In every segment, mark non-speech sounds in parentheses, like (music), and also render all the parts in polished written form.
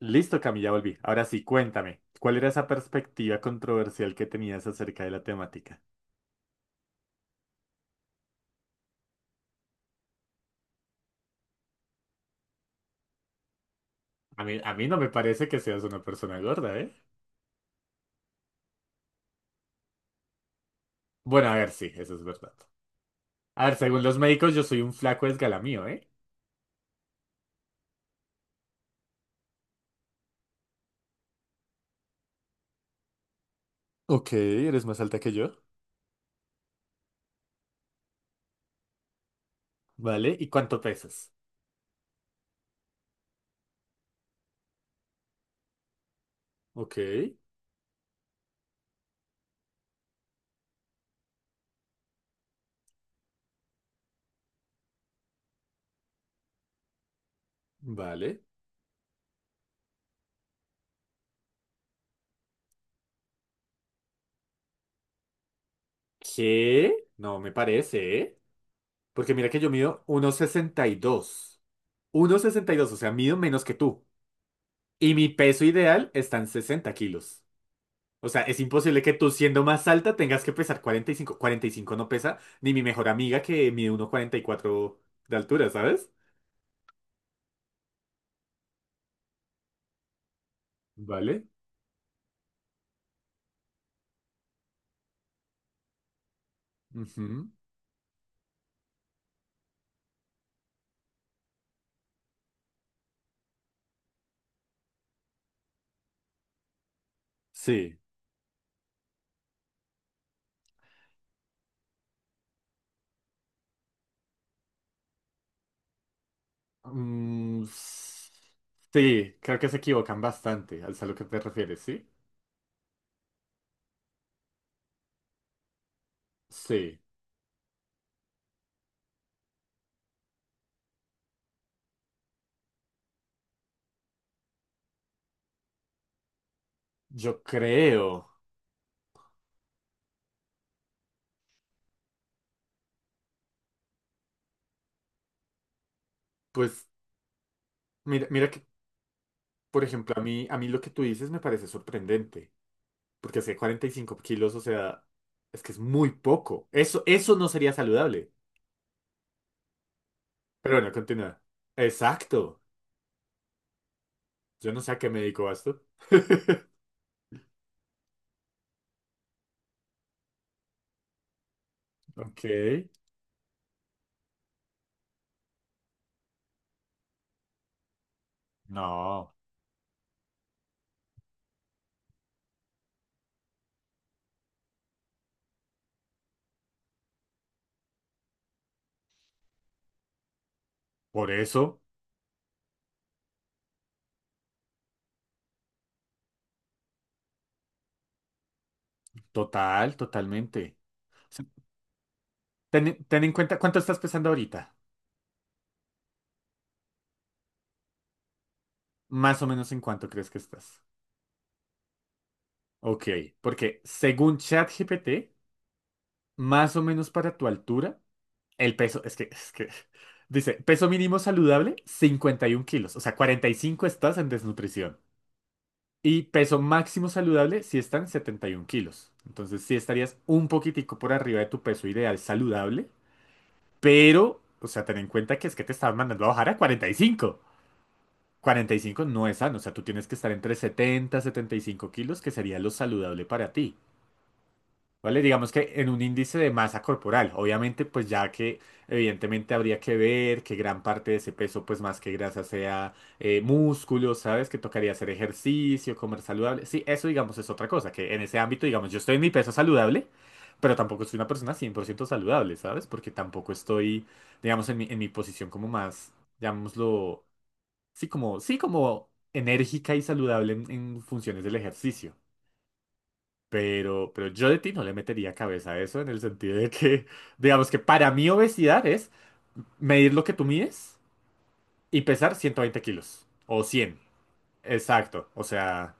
Listo, Cami, ya volví. Ahora sí, cuéntame, ¿cuál era esa perspectiva controversial que tenías acerca de la temática? A mí no me parece que seas una persona gorda, ¿eh? Bueno, a ver, sí, eso es verdad. A ver, según los médicos, yo soy un flaco esgalamío, ¿eh? Ok, eres más alta que yo. ¿Vale? ¿Y cuánto pesas? Ok, vale. ¿Qué? No me parece, ¿eh? Porque mira que yo mido 1,62. 1,62, o sea, mido menos que tú. Y mi peso ideal está en 60 kilos. O sea, es imposible que tú siendo más alta tengas que pesar 40 cuarenta y cinco. 45 no pesa ni mi mejor amiga que mide 1,44 de altura, ¿sabes? ¿Vale? Ujú. Sí. Mm, sí, creo que se equivocan bastante al a lo que te refieres, ¿sí? Sí, yo creo. Pues mira que, por ejemplo, a mí lo que tú dices me parece sorprendente, porque hace 45 kilos, o sea, es que es muy poco. Eso no sería saludable. Pero bueno, continúa. Exacto. Yo no sé a qué me dedico esto. Ok. No, por eso. Total, totalmente. O sea, ten en cuenta cuánto estás pesando ahorita. Más o menos en cuánto crees que estás. Ok, porque según ChatGPT, más o menos para tu altura, el peso, es que, (laughs) dice, peso mínimo saludable, 51 kilos. O sea, 45 estás en desnutrición. Y peso máximo saludable si están 71 kilos. Entonces sí estarías un poquitico por arriba de tu peso ideal saludable, pero, o sea, ten en cuenta que es que te estaban mandando a bajar a 45. 45 no es sano, o sea, tú tienes que estar entre 70 y 75 kilos, que sería lo saludable para ti. ¿Vale? Digamos que en un índice de masa corporal, obviamente pues ya que evidentemente habría que ver que gran parte de ese peso pues más que grasa sea músculo, ¿sabes? Que tocaría hacer ejercicio, comer saludable. Sí, eso digamos es otra cosa, que en ese ámbito digamos yo estoy en mi peso saludable, pero tampoco soy una persona 100% saludable, ¿sabes? Porque tampoco estoy digamos en mi posición como más, llamémoslo, sí como enérgica y saludable en funciones del ejercicio. Pero yo de ti no le metería cabeza a eso en el sentido de que, (laughs) digamos que para mí obesidad es medir lo que tú mides y pesar 120 kilos o 100. Exacto, o sea,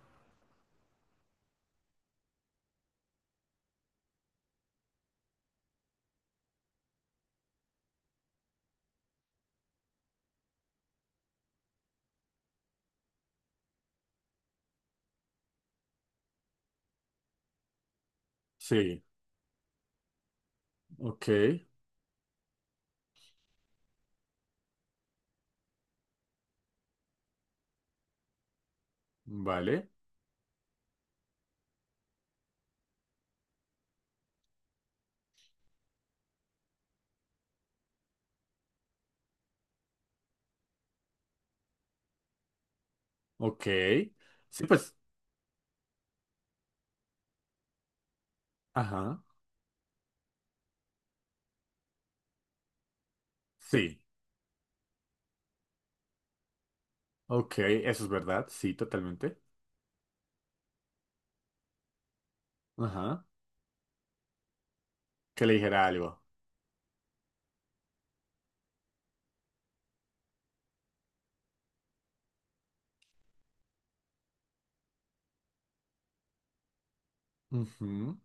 sí, ok, vale, ok. Sí, pues, ajá, sí, ok, eso es verdad, sí, totalmente. Ajá, que le dijera algo. Ujú.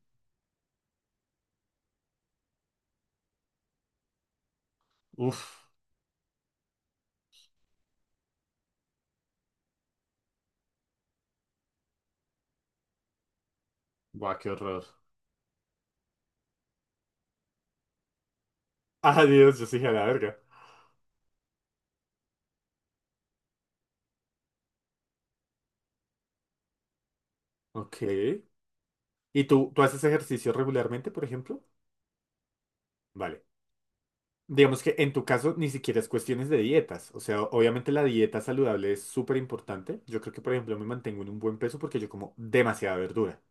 Uf, guau, qué horror. (laughs) Adiós, yo sí dije a la verga. Ok. ¿Y tú haces ejercicio regularmente, por ejemplo? Vale. Digamos que en tu caso ni siquiera es cuestiones de dietas. O sea, obviamente la dieta saludable es súper importante. Yo creo que, por ejemplo, me mantengo en un buen peso porque yo como demasiada verdura.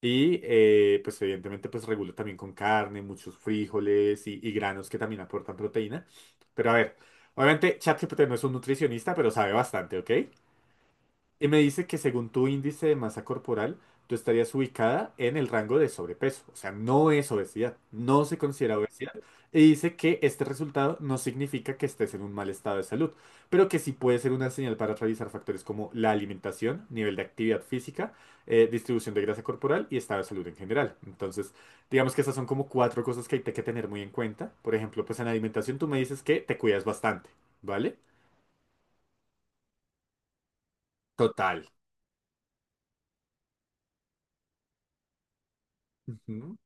Y pues evidentemente pues regulo también con carne, muchos frijoles y granos que también aportan proteína. Pero a ver, obviamente ChatGPT no es un nutricionista, pero sabe bastante, ¿ok? Y me dice que según tu índice de masa corporal, tú estarías ubicada en el rango de sobrepeso. O sea, no es obesidad, no se considera obesidad. Y dice que este resultado no significa que estés en un mal estado de salud, pero que sí puede ser una señal para revisar factores como la alimentación, nivel de actividad física, distribución de grasa corporal y estado de salud en general. Entonces, digamos que esas son como cuatro cosas que hay que tener muy en cuenta. Por ejemplo, pues en alimentación tú me dices que te cuidas bastante, ¿vale? Total. Ujú.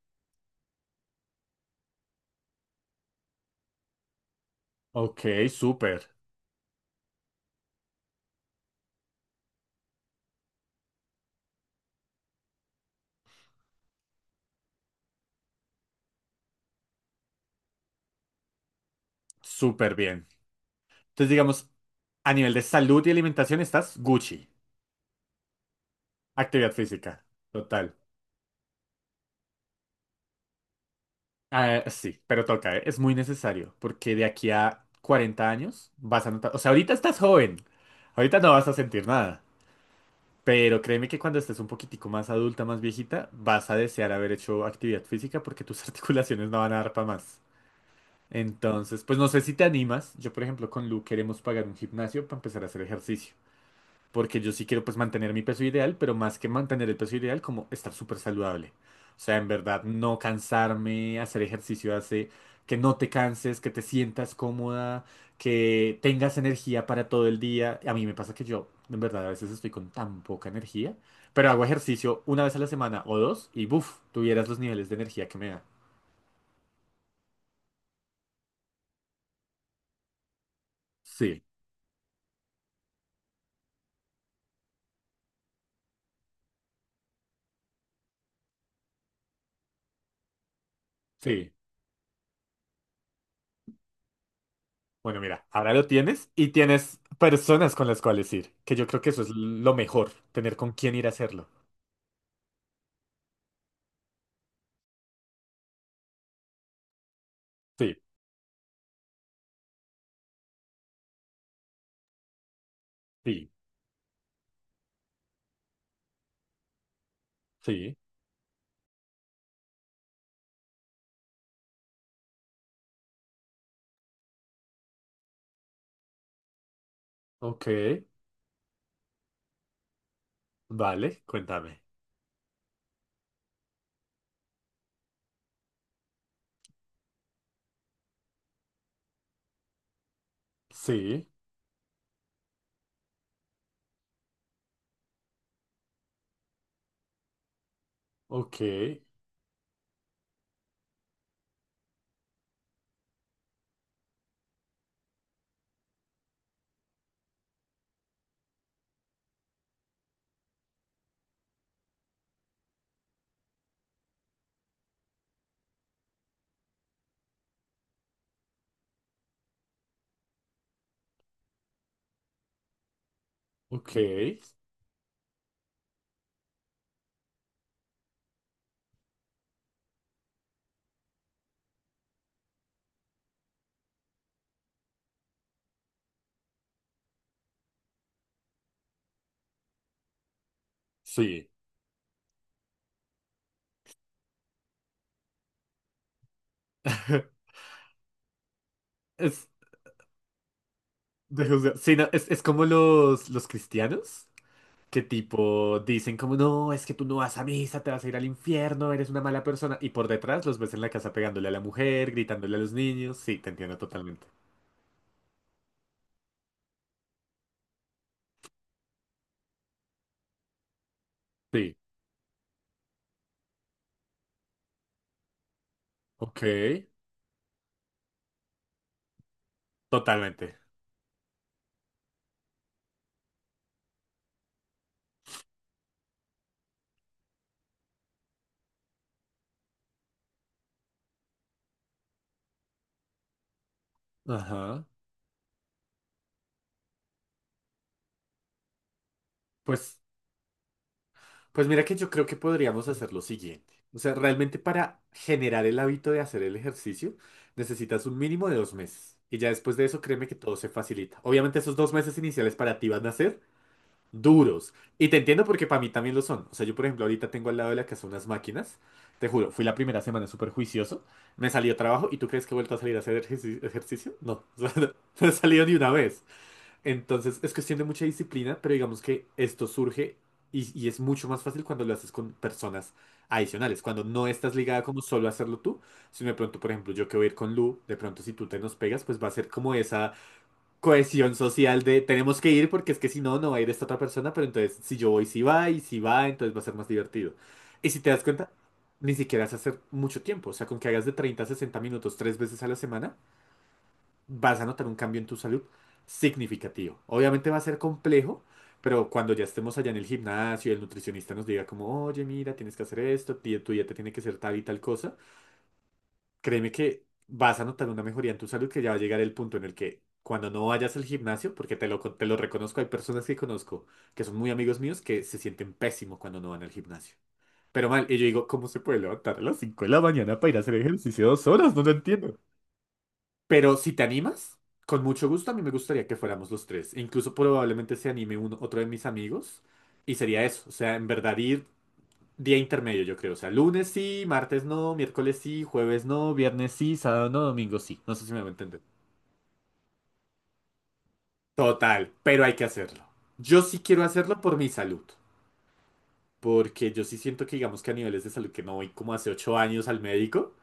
Ok, súper. Súper bien. Entonces, digamos, a nivel de salud y alimentación estás Gucci. Actividad física. Total. Ah, sí, pero toca, ¿eh? Es muy necesario porque de aquí a 40 años vas a notar, o sea, ahorita estás joven, ahorita no vas a sentir nada, pero créeme que cuando estés un poquitico más adulta, más viejita, vas a desear haber hecho actividad física porque tus (laughs) articulaciones no van a dar para más. Entonces, pues no sé si te animas, yo por ejemplo con Lu queremos pagar un gimnasio para empezar a hacer ejercicio. Porque yo sí quiero pues mantener mi peso ideal, pero más que mantener el peso ideal, como estar súper saludable. O sea, en verdad, no cansarme, hacer ejercicio hace que no te canses, que te sientas cómoda, que tengas energía para todo el día. A mí me pasa que yo, en verdad, a veces estoy con tan poca energía, pero hago ejercicio una vez a la semana o dos y buf, tuvieras los niveles de energía que me da. Sí, sí. Bueno, mira, ahora lo tienes y tienes personas con las cuales ir, que yo creo que eso es lo mejor, tener con quién ir a hacerlo. Sí, sí, sí. Ok, vale, cuéntame. Sí, ok, ok, sí. (laughs) Es, sí, no, es como los cristianos que tipo dicen como no, es que tú no vas a misa, te vas a ir al infierno, eres una mala persona. Y por detrás los ves en la casa pegándole a la mujer, gritándole a los niños. Sí, te entiendo totalmente. Sí, ok, totalmente. Ajá. Pues. Pues mira que yo creo que podríamos hacer lo siguiente. O sea, realmente para generar el hábito de hacer el ejercicio, necesitas un mínimo de 2 meses. Y ya después de eso, créeme que todo se facilita. Obviamente esos 2 meses iniciales para ti van a ser duros. Y te entiendo porque para mí también lo son. O sea, yo por ejemplo ahorita tengo al lado de la casa unas máquinas. Te juro, fui la primera semana súper juicioso. Me salió trabajo y ¿tú crees que he vuelto a salir a hacer ejercicio? No, (laughs) O sea, no, no he salido ni una vez. Entonces es cuestión de mucha disciplina, pero digamos que esto surge y es mucho más fácil cuando lo haces con personas adicionales, cuando no estás ligada como solo a hacerlo tú, sino de pronto, por ejemplo, yo que voy a ir con Lu, de pronto si tú te nos pegas, pues va a ser como esa cohesión social de tenemos que ir porque es que si no, no va a ir esta otra persona, pero entonces si yo voy, si va, y si va, entonces va a ser más divertido. Y si te das cuenta, ni siquiera es hacer mucho tiempo, o sea, con que hagas de 30 a 60 minutos 3 veces a la semana vas a notar un cambio en tu salud significativo. Obviamente va a ser complejo, pero cuando ya estemos allá en el gimnasio y el nutricionista nos diga como, oye, mira, tienes que hacer esto, tu dieta tiene que ser tal y tal cosa, créeme que vas a notar una mejoría en tu salud que ya va a llegar el punto en el que cuando no vayas al gimnasio, porque te lo reconozco, hay personas que conozco que son muy amigos míos que se sienten pésimo cuando no van al gimnasio. Pero mal, y yo digo, ¿cómo se puede levantar a las 5 de la mañana para ir a hacer ejercicio 2 horas? No lo entiendo. Pero si te animas, con mucho gusto, a mí me gustaría que fuéramos los tres. E incluso probablemente se anime uno, otro de mis amigos. Y sería eso. O sea, en verdad ir día intermedio, yo creo. O sea, lunes sí, martes no, miércoles sí, jueves no, viernes sí, sábado no, domingo sí. No sé si me va a entender. Total, pero hay que hacerlo. Yo sí quiero hacerlo por mi salud. Porque yo sí siento que, digamos que a niveles de salud que no voy como hace 8 años al médico.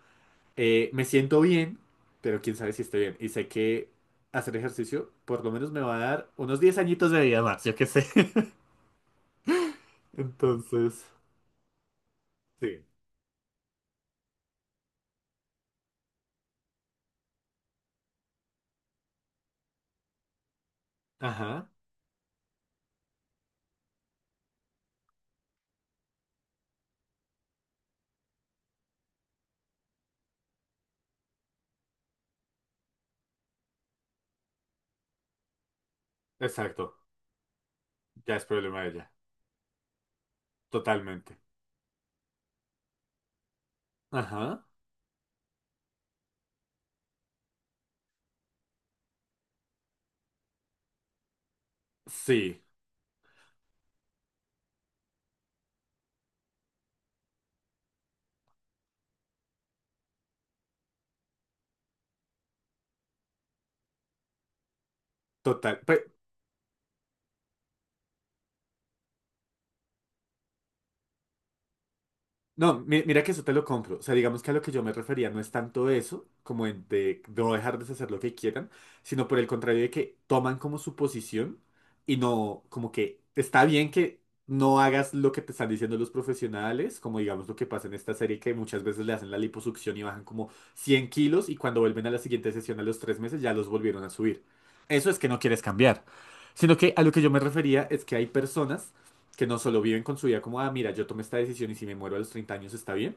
Me siento bien, pero quién sabe si estoy bien. Y sé que hacer ejercicio por lo menos me va a dar unos 10 añitos de vida más, yo qué sé. (laughs) Entonces, sí. Ajá, exacto. Ya es problema de ella. Totalmente. Ajá, sí, total. Pues. No, mira, que eso te lo compro. O sea, digamos que a lo que yo me refería no es tanto eso, como en de no dejarles hacer lo que quieran, sino por el contrario de que toman como su posición y no, como que está bien que no hagas lo que te están diciendo los profesionales, como digamos lo que pasa en esta serie que muchas veces le hacen la liposucción y bajan como 100 kilos y cuando vuelven a la siguiente sesión a los 3 meses ya los volvieron a subir. Eso es que no quieres cambiar. Sino que a lo que yo me refería es que hay personas que no solo viven con su vida como, ah, mira, yo tomé esta decisión y si me muero a los 30 años está bien,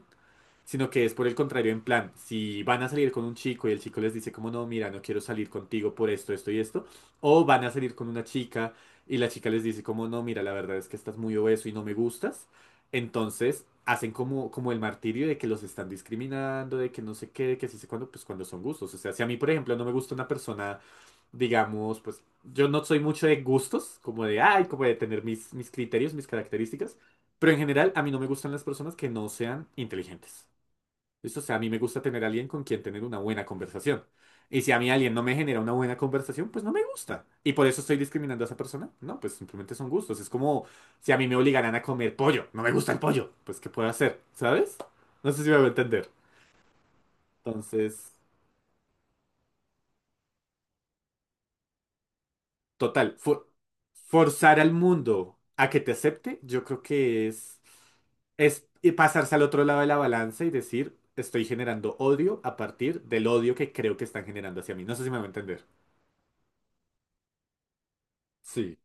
sino que es por el contrario, en plan, si van a salir con un chico y el chico les dice como, no, mira, no quiero salir contigo por esto, esto y esto, o van a salir con una chica y la chica les dice como, no, mira, la verdad es que estás muy obeso y no me gustas, entonces hacen como, como el martirio de que los están discriminando, de que no sé qué, de que sí sé cuándo, pues cuando son gustos. O sea, si a mí, por ejemplo, no me gusta una persona digamos, pues yo no soy mucho de gustos, como de, ay, como de tener mis criterios, mis características, pero en general a mí no me gustan las personas que no sean inteligentes. ¿Listo? O sea, a mí me gusta tener a alguien con quien tener una buena conversación. Y si a mí alguien no me genera una buena conversación, pues no me gusta. ¿Y por eso estoy discriminando a esa persona? No, pues simplemente son gustos. Es como si a mí me obligaran a comer pollo. No me gusta el pollo. Pues, ¿qué puedo hacer? ¿Sabes? No sé si me voy a entender. Entonces, total, forzar al mundo a que te acepte, yo creo que es y pasarse al otro lado de la balanza y decir, estoy generando odio a partir del odio que creo que están generando hacia mí. No sé si me va a entender. Sí.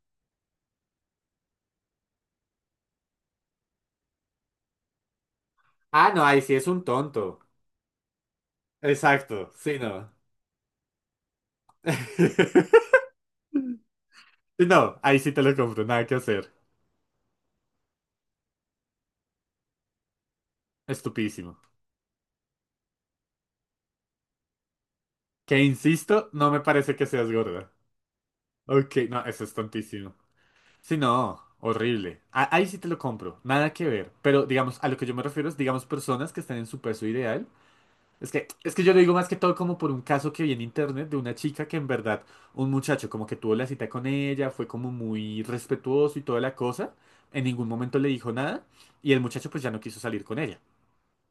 Ah, no, ahí sí es un tonto. Exacto, sí, no. (laughs) No, ahí sí te lo compro, nada que hacer. Estupidísimo. Que insisto, no me parece que seas gorda. Ok, no, eso es tontísimo. Sí, no, horrible. Ahí sí te lo compro, nada que ver. Pero digamos, a lo que yo me refiero es, digamos, personas que están en su peso ideal. Es que yo lo digo más que todo como por un caso que vi en internet de una chica que en verdad, un muchacho como que tuvo la cita con ella, fue como muy respetuoso y toda la cosa, en ningún momento le dijo nada y el muchacho pues ya no quiso salir con ella.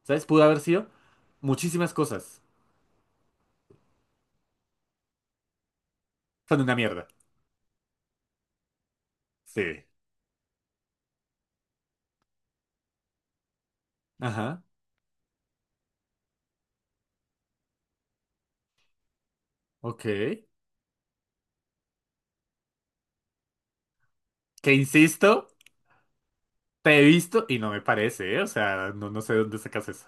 ¿Sabes? Pudo haber sido muchísimas cosas. Son una mierda. Sí. Ajá, ok. Que insisto, te he visto y no me parece, ¿eh? O sea, no, no sé de dónde sacas eso.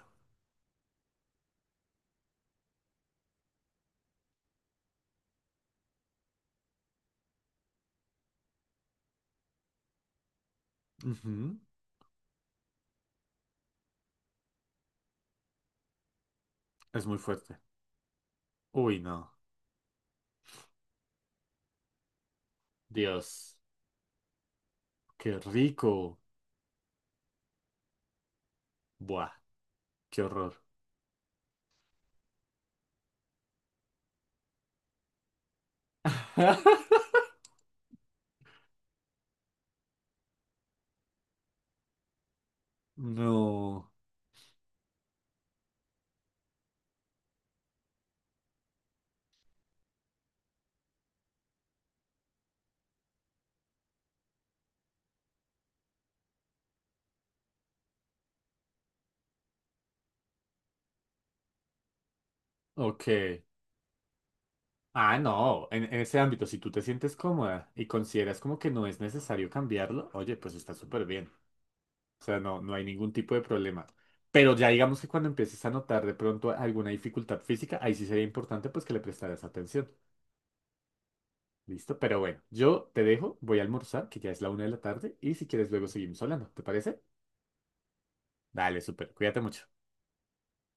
Ujú, es muy fuerte. Uy, no. Dios, qué rico. Buah, qué horror. (laughs) No. Ok. Ah, no. En ese ámbito, si tú te sientes cómoda y consideras como que no es necesario cambiarlo, oye, pues está súper bien. O sea, no, no hay ningún tipo de problema. Pero ya digamos que cuando empieces a notar de pronto alguna dificultad física, ahí sí sería importante pues que le prestaras atención. ¿Listo? Pero bueno, yo te dejo, voy a almorzar, que ya es la una de la tarde, y si quieres luego seguimos hablando. ¿Te parece? Dale, súper. Cuídate mucho.